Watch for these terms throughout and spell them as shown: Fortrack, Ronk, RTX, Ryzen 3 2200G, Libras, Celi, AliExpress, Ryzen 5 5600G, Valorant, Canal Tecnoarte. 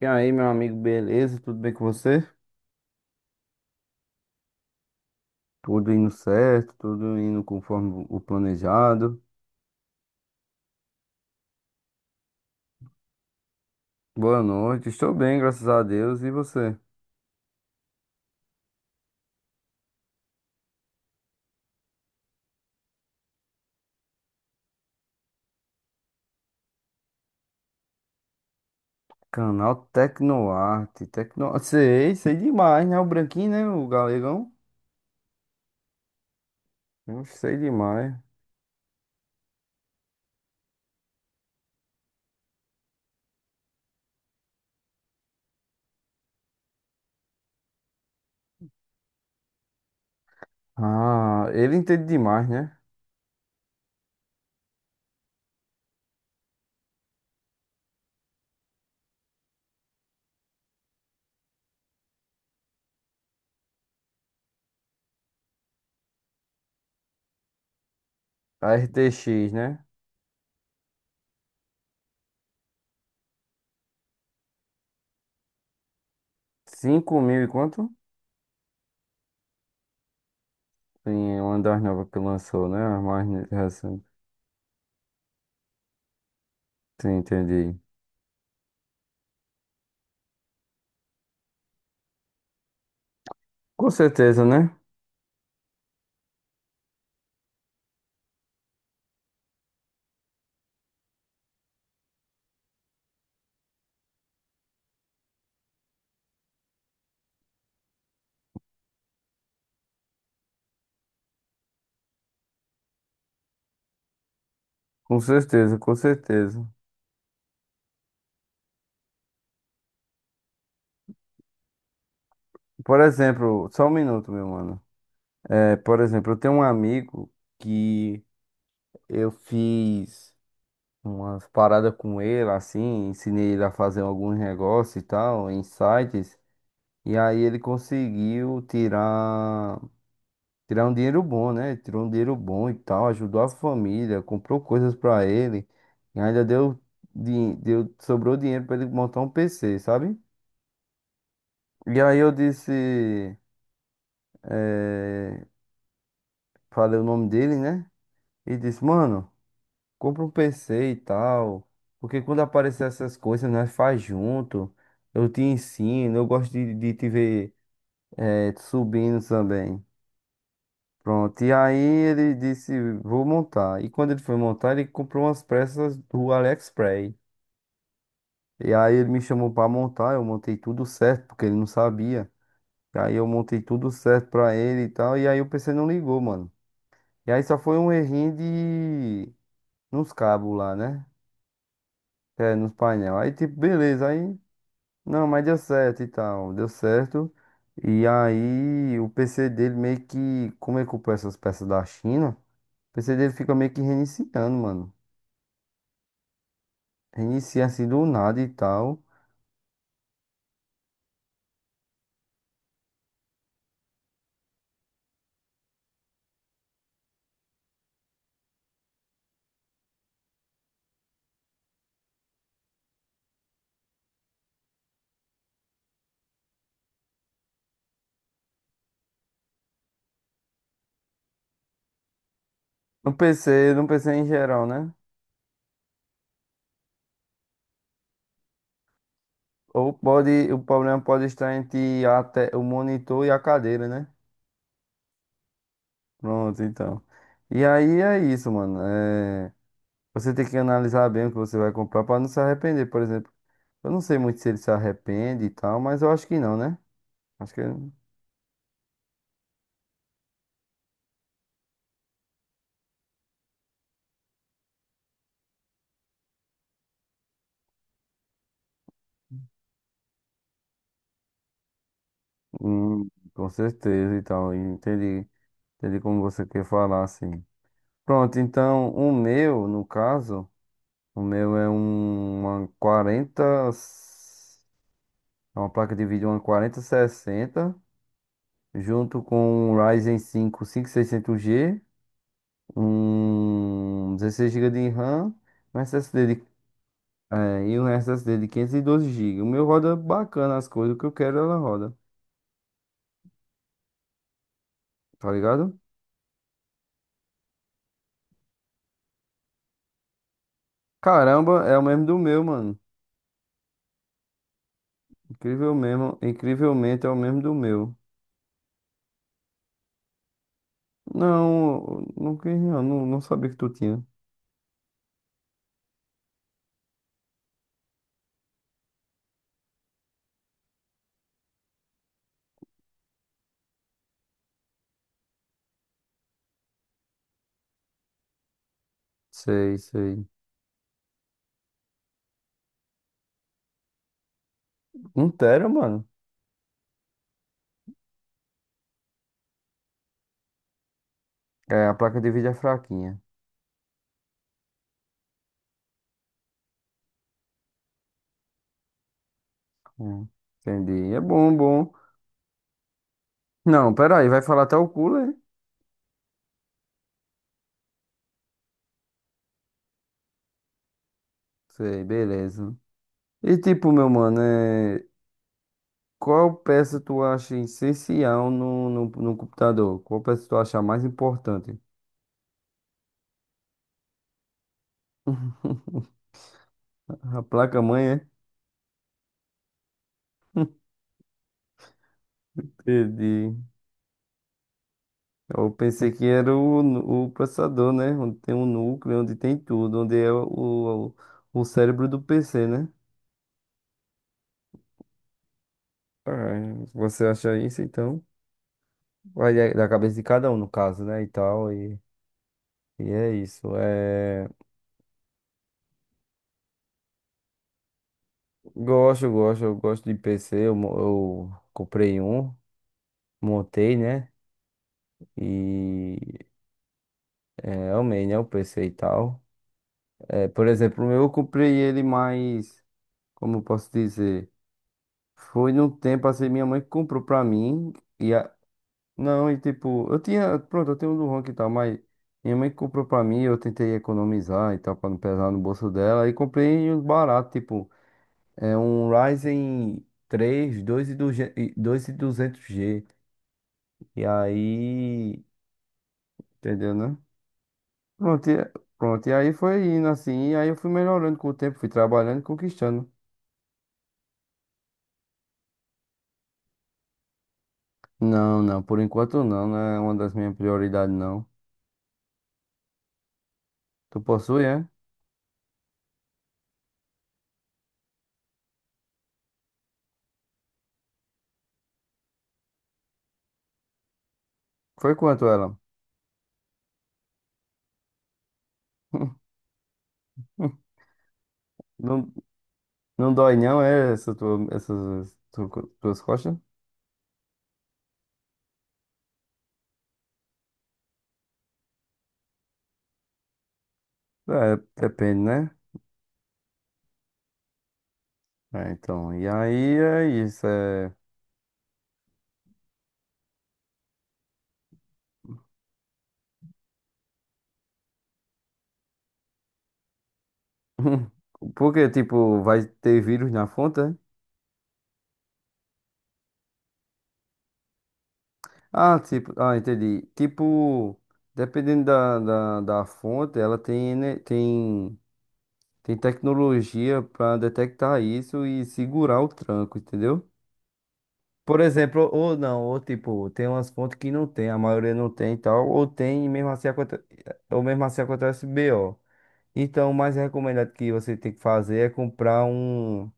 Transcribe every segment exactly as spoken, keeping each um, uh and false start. E aí, meu amigo, beleza? Tudo bem com você? Tudo indo certo, tudo indo conforme o planejado. Boa noite, estou bem, graças a Deus. E você? Canal Tecnoarte, Tecno... Sei, sei demais, né? O branquinho, né? O galegão. Hum, Sei demais. Ah, ele entende demais, né? A R T X, né? Cinco mil e quanto? Sim, é uma das novas que lançou, né? A mais recente. Sim, entendi. Com certeza, né? Com certeza, com certeza. Por exemplo, só um minuto, meu mano. É, por exemplo, eu tenho um amigo que eu fiz umas paradas com ele, assim, ensinei ele a fazer alguns negócios e tal, em sites, e aí ele conseguiu tirar, tirar um dinheiro bom, né? Tirou um dinheiro bom e tal, ajudou a família, comprou coisas pra ele, e ainda deu, din- deu, sobrou dinheiro pra ele montar um P C, sabe? E aí eu disse, eh, falei o nome dele, né? E disse, mano, compra um P C e tal. Porque quando aparecer essas coisas, nós faz junto. Eu te ensino, eu gosto de, de te ver, eh, subindo também. Pronto. E aí ele disse, vou montar. E quando ele foi montar, ele comprou umas peças do AliExpress. E aí ele me chamou pra montar, eu montei tudo certo, porque ele não sabia. E aí eu montei tudo certo pra ele e tal. E aí o P C não ligou, mano. E aí só foi um errinho de nos cabos lá, né? É, nos painel. Aí, tipo, beleza, aí. Não, mas deu certo e tal. Deu certo. E aí, o P C dele meio que. Como ele comprou essas peças da China, o P C dele fica meio que reiniciando, mano. Reinicia assim do nada e tal. No P C, no P C em geral, né? Ou pode. O problema pode estar entre a te- o monitor e a cadeira, né? Pronto, então. E aí é isso, mano. É, você tem que analisar bem o que você vai comprar pra não se arrepender, por exemplo. Eu não sei muito se ele se arrepende e tal, mas eu acho que não, né? Acho que ele- Hum, com certeza então, e tal. Entendi, entendi como você quer falar, assim. Pronto, então o meu, no caso, o meu é um, uma quarenta, é uma placa de vídeo, uma quarenta sessenta, junto com um Ryzen cinco cinco mil e seiscentos G, um dezesseis gigas de RAM, um S S D de, eh, e um S S D de quinhentos e doze gigas. O meu roda bacana as coisas, o que eu quero ela roda. Tá ligado? Caramba, é o mesmo do meu, mano. Incrível mesmo, incrivelmente é o mesmo do meu. Não, não, quis, não, não não sabia que tu tinha. Sei, sei. Um tera, mano. É, a placa de vídeo é fraquinha. Hum, entendi. É bom, bom. Não, pera aí, vai falar até o cooler? Sei, beleza. E tipo, meu mano, é... qual peça tu acha essencial no, no, no computador? Qual peça tu acha mais importante? A placa-mãe, é? Entendi. Eu pensei que era o, nu- o processador, né? Onde tem um núcleo, onde tem tudo, onde é o, o, o cérebro do P C, né? Ah, você acha isso, então? Vai da da cabeça de cada um, no caso, né? E tal, e, e é isso. É... Gosto, gosto, eu gosto de P C. Eu, mo- eu comprei um, montei, né? E é, amei, né? O P C e tal. É, por exemplo, o meu eu comprei ele mais, como eu posso dizer? Foi num tempo assim, minha mãe comprou pra mim. Não, e tipo, eu tinha, pronto, eu tenho um do Ronk e tal, mas minha mãe comprou pra mim, eu tentei economizar e tal, pra não pesar no bolso dela, e comprei uns baratos, tipo, é um Ryzen três, dois mil e duzentos G, e dois e duzentos G, e aí, entendeu, né? Pronto, e, pronto, e aí foi indo assim, e aí eu fui melhorando com o tempo, fui trabalhando e conquistando. Não, não, por enquanto não, não é uma das minhas prioridades, não. Tu possui, é? Foi quanto ela? Não, não dói não, é essa tua, essas tu- tuas costas? É, depende, né? É, então, e aí é isso, é... Porque, tipo, vai ter vírus na fonte? É? Ah, tipo, ah, entendi. Tipo, dependendo da, da, da fonte, ela tem, né, tem, tem tecnologia pra detectar isso e segurar o tranco, entendeu? Por exemplo, ou não, ou tipo, tem umas fontes que não tem, a maioria não tem e tal, ou tem e mesmo assim, aconte- ou mesmo assim acontece B O. Então, o mais recomendado que você tem que fazer é comprar um.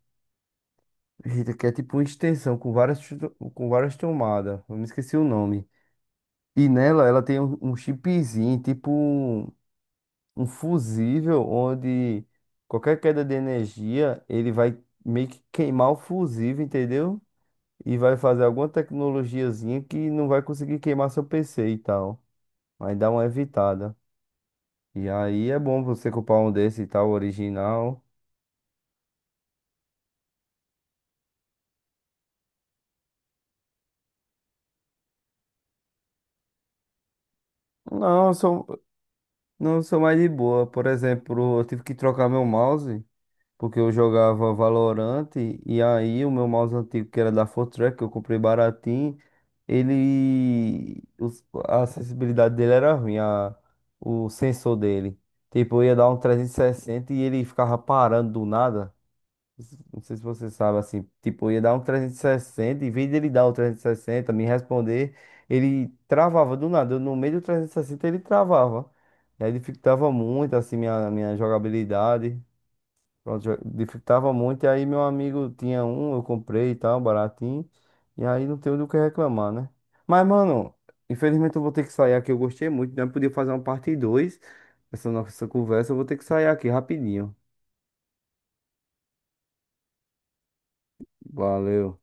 Eita, que é tipo uma extensão com várias, chu- com várias tomadas, eu me esqueci o nome. E nela, ela tem um, um chipzinho, tipo um, um fusível, onde qualquer queda de energia, ele vai meio que queimar o fusível, entendeu? E vai fazer alguma tecnologiazinha que não vai conseguir queimar seu P C e tal. Aí dá uma evitada. E aí é bom você comprar um desse e tal, original. Não, eu sou, não sou mais de boa. Por exemplo, eu tive que trocar meu mouse, porque eu jogava Valorant, e aí o meu mouse antigo, que era da Fortrack, que eu comprei baratinho, ele... os- a acessibilidade dele era ruim, a- o sensor dele. Tipo, eu ia dar um trezentos e sessenta e ele ficava parando do nada. Não sei se você sabe, assim, tipo, ia dar um trezentos e sessenta, em vez dele dar o trezentos e sessenta, me responder, ele travava do nada, eu no meio do trezentos e sessenta ele travava. E aí dificultava muito, assim, minha, minha jogabilidade, pronto, jo- dificultava muito, e aí meu amigo tinha um, eu comprei e tal, baratinho, e aí não tenho do que reclamar, né? Mas, mano, infelizmente eu vou ter que sair aqui, eu gostei muito, né? Podia fazer uma parte dois dessa nossa conversa, eu vou ter que sair aqui rapidinho. Valeu.